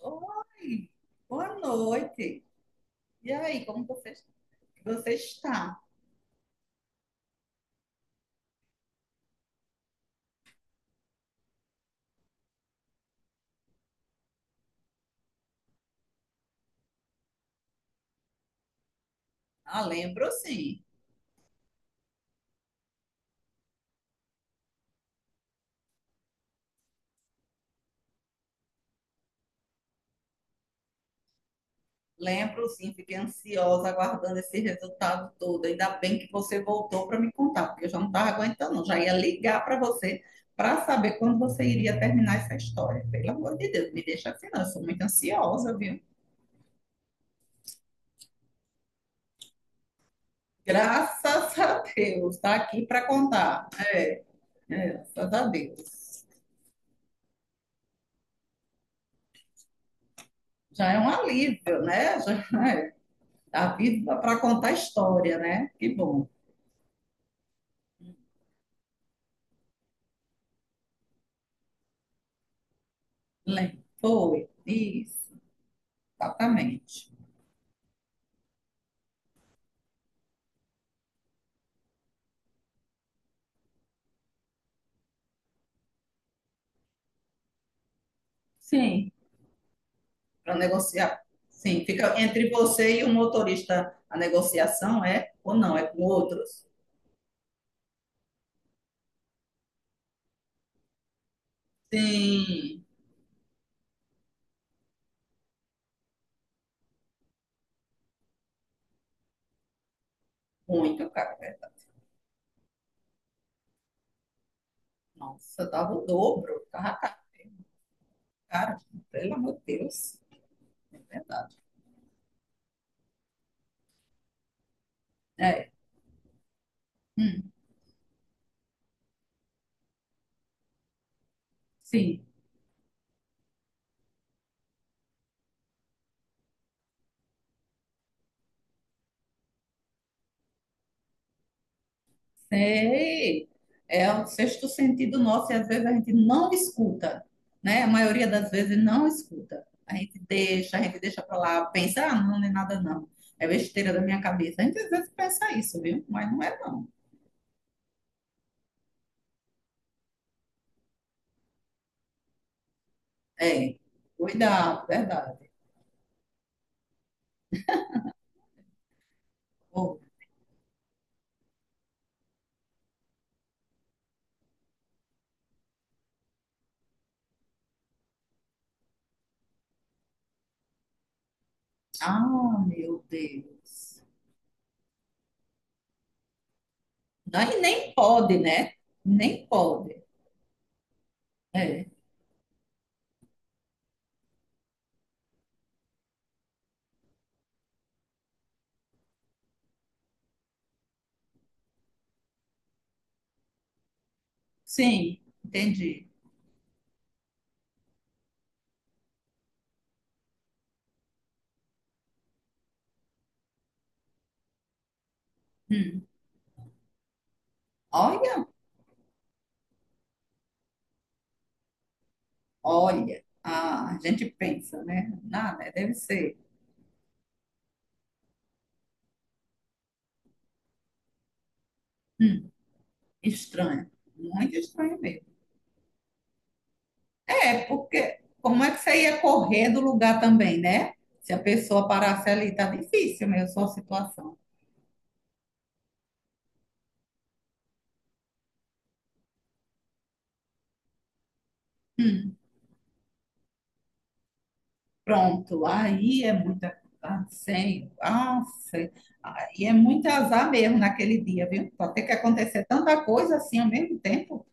Oi, boa noite. E aí, como você está? Ah, lembro sim. Lembro sim, fiquei ansiosa aguardando esse resultado todo. Ainda bem que você voltou para me contar, porque eu já não estava aguentando, não. Já ia ligar para você para saber quando você iria terminar essa história. Pelo amor de Deus, me deixa assim, não. Eu sou muito ansiosa, viu? Graças a Deus, está aqui para contar. É, é, graças a Deus. Já é um alívio, né? Já, é. Tá vivo para contar história, né? Que bom. Foi, isso, exatamente. Sim. Para negociar. Sim, fica entre você e o motorista a negociação, é? Ou não, é com outros? Sim, muito caro, é verdade. Nossa, dava o dobro, tava caro, pelo amor de Deus. É verdade. É, hum, sim. Sei. É o sexto sentido nosso e às vezes a gente não escuta, né? A maioria das vezes não escuta. A gente deixa para lá, pensa, ah, não, não é nada não. É besteira da minha cabeça. A gente às vezes pensa isso, viu? Mas não é não. É. Cuidado, verdade. Oh, ah, meu Deus. Daí nem pode, né? Nem pode. É. Sim, entendi. Hum. Olha, olha. Ah, a gente pensa, né? Nada, deve ser. Hum, estranho. Muito estranho mesmo. É, porque como é que você ia correr do lugar também, né? Se a pessoa parasse ali, tá difícil mesmo sua situação. Hum, pronto, aí é muita. Ah, sei, nossa, aí é muito azar mesmo naquele dia, viu? Pode ter que acontecer tanta coisa assim ao mesmo tempo.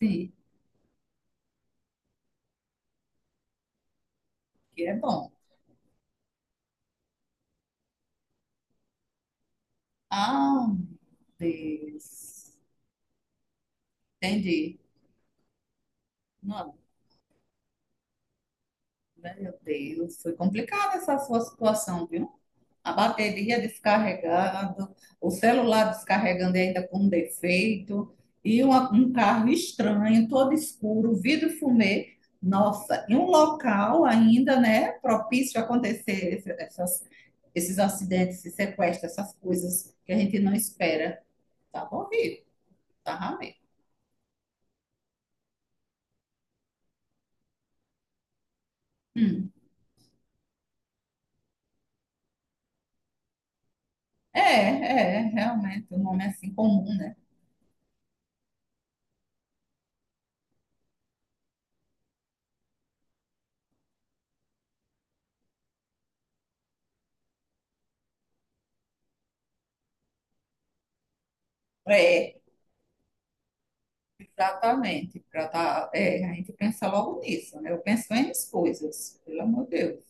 Sim, que é bom. Ah, meu Deus. Entendi. Não, meu Deus, foi complicada essa sua situação, viu? A bateria descarregando, o celular descarregando e ainda com defeito, e um carro estranho, todo escuro, vidro fumê. Nossa, em um local ainda, né, propício a acontecer esses acidentes, esses sequestros, essas coisas que a gente não espera. Tá horrível, tá mesmo. Hum. É, realmente, um nome assim comum, né? É, exatamente, pra tá, é, a gente pensa logo nisso, né? Eu penso em as coisas, pelo amor de Deus.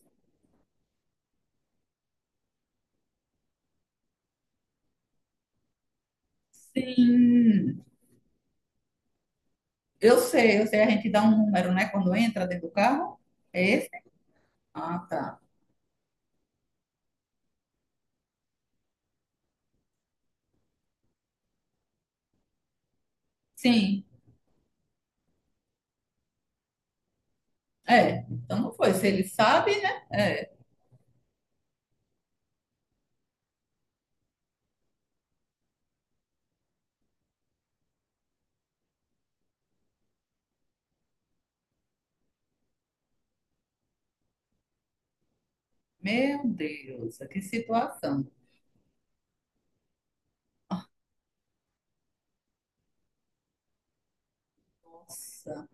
Sim, eu sei, a gente dá um número, né, quando entra dentro do carro. É esse? Ah, tá. Sim, é. Então não foi. Se ele sabe, né? Meu Deus, que situação. Nossa.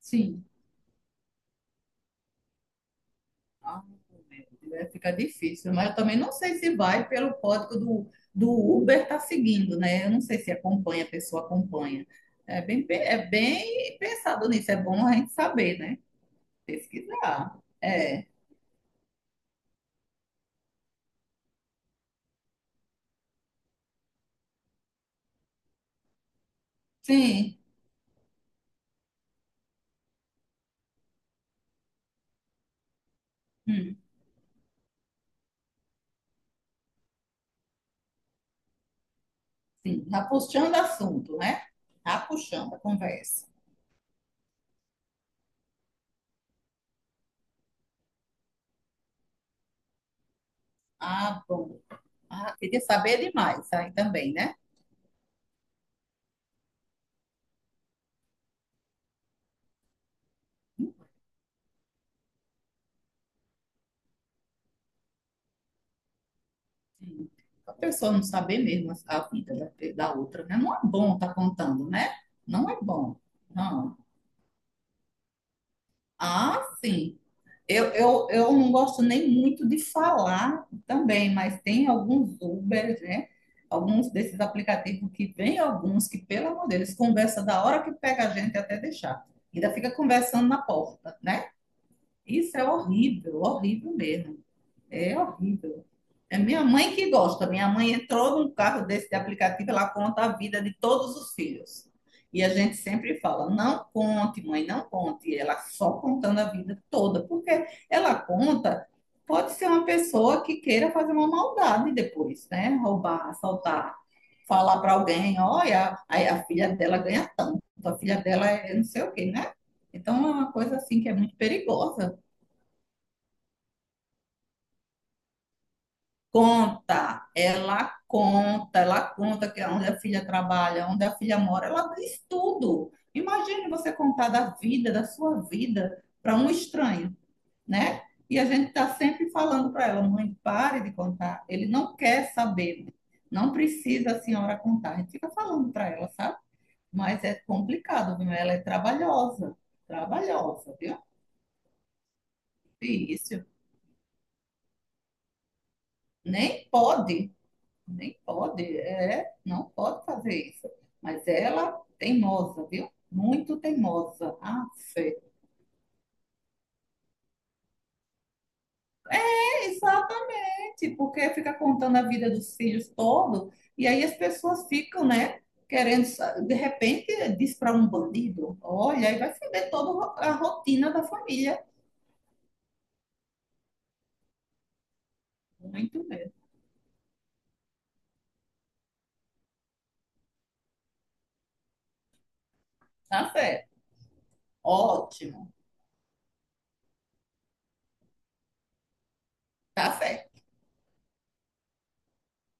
Sim. Ah, meu Deus, fica difícil, mas eu também não sei se vai pelo código do, do Uber tá seguindo, né? Eu não sei se acompanha, a pessoa acompanha. É é bem pensado nisso, é bom a gente saber, né? Pesquisar. É, sim, hum, sim, tá puxando assunto, né? Tá puxando a conversa. Ah, bom. Ah, queria saber demais aí também, né? A pessoa não saber mesmo a a vida da outra, né? Não é bom estar contando, né? Não é bom. Não. Ah, sim. Eu não gosto nem muito de falar também, mas tem alguns Uber, né? Alguns desses aplicativos que vem alguns que, pelo amor de Deus, conversa da hora que pega a gente até deixar. Ainda fica conversando na porta, né? Isso é horrível, horrível mesmo. É horrível. É minha mãe que gosta. Minha mãe entrou num carro desse de aplicativo, ela conta a vida de todos os filhos. E a gente sempre fala, não conte, mãe, não conte. E ela só contando a vida toda, porque ela conta, pode ser uma pessoa que queira fazer uma maldade depois, né? Roubar, assaltar, falar para alguém, olha, a filha dela ganha tanto, a filha dela é não sei o quê, né? Então é uma coisa assim que é muito perigosa. Conta, ela conta que onde a filha trabalha, onde a filha mora, ela diz tudo. Imagine você contar da sua vida, para um estranho, né? E a gente está sempre falando para ela, mãe, pare de contar. Ele não quer saber, não precisa a senhora contar. A gente fica falando para ela, sabe? Mas é complicado, viu? Ela é trabalhosa, viu? Difícil. Nem pode. Nem pode, é, não pode fazer isso. Mas ela, teimosa, viu? Muito teimosa. Ah, fé. É, exatamente, porque fica contando a vida dos filhos todo, e aí as pessoas ficam, né, querendo, de repente, diz para um bandido, olha, aí vai foder toda a rotina da família. Muito mesmo. Tá certo. Ótimo. Tá certo.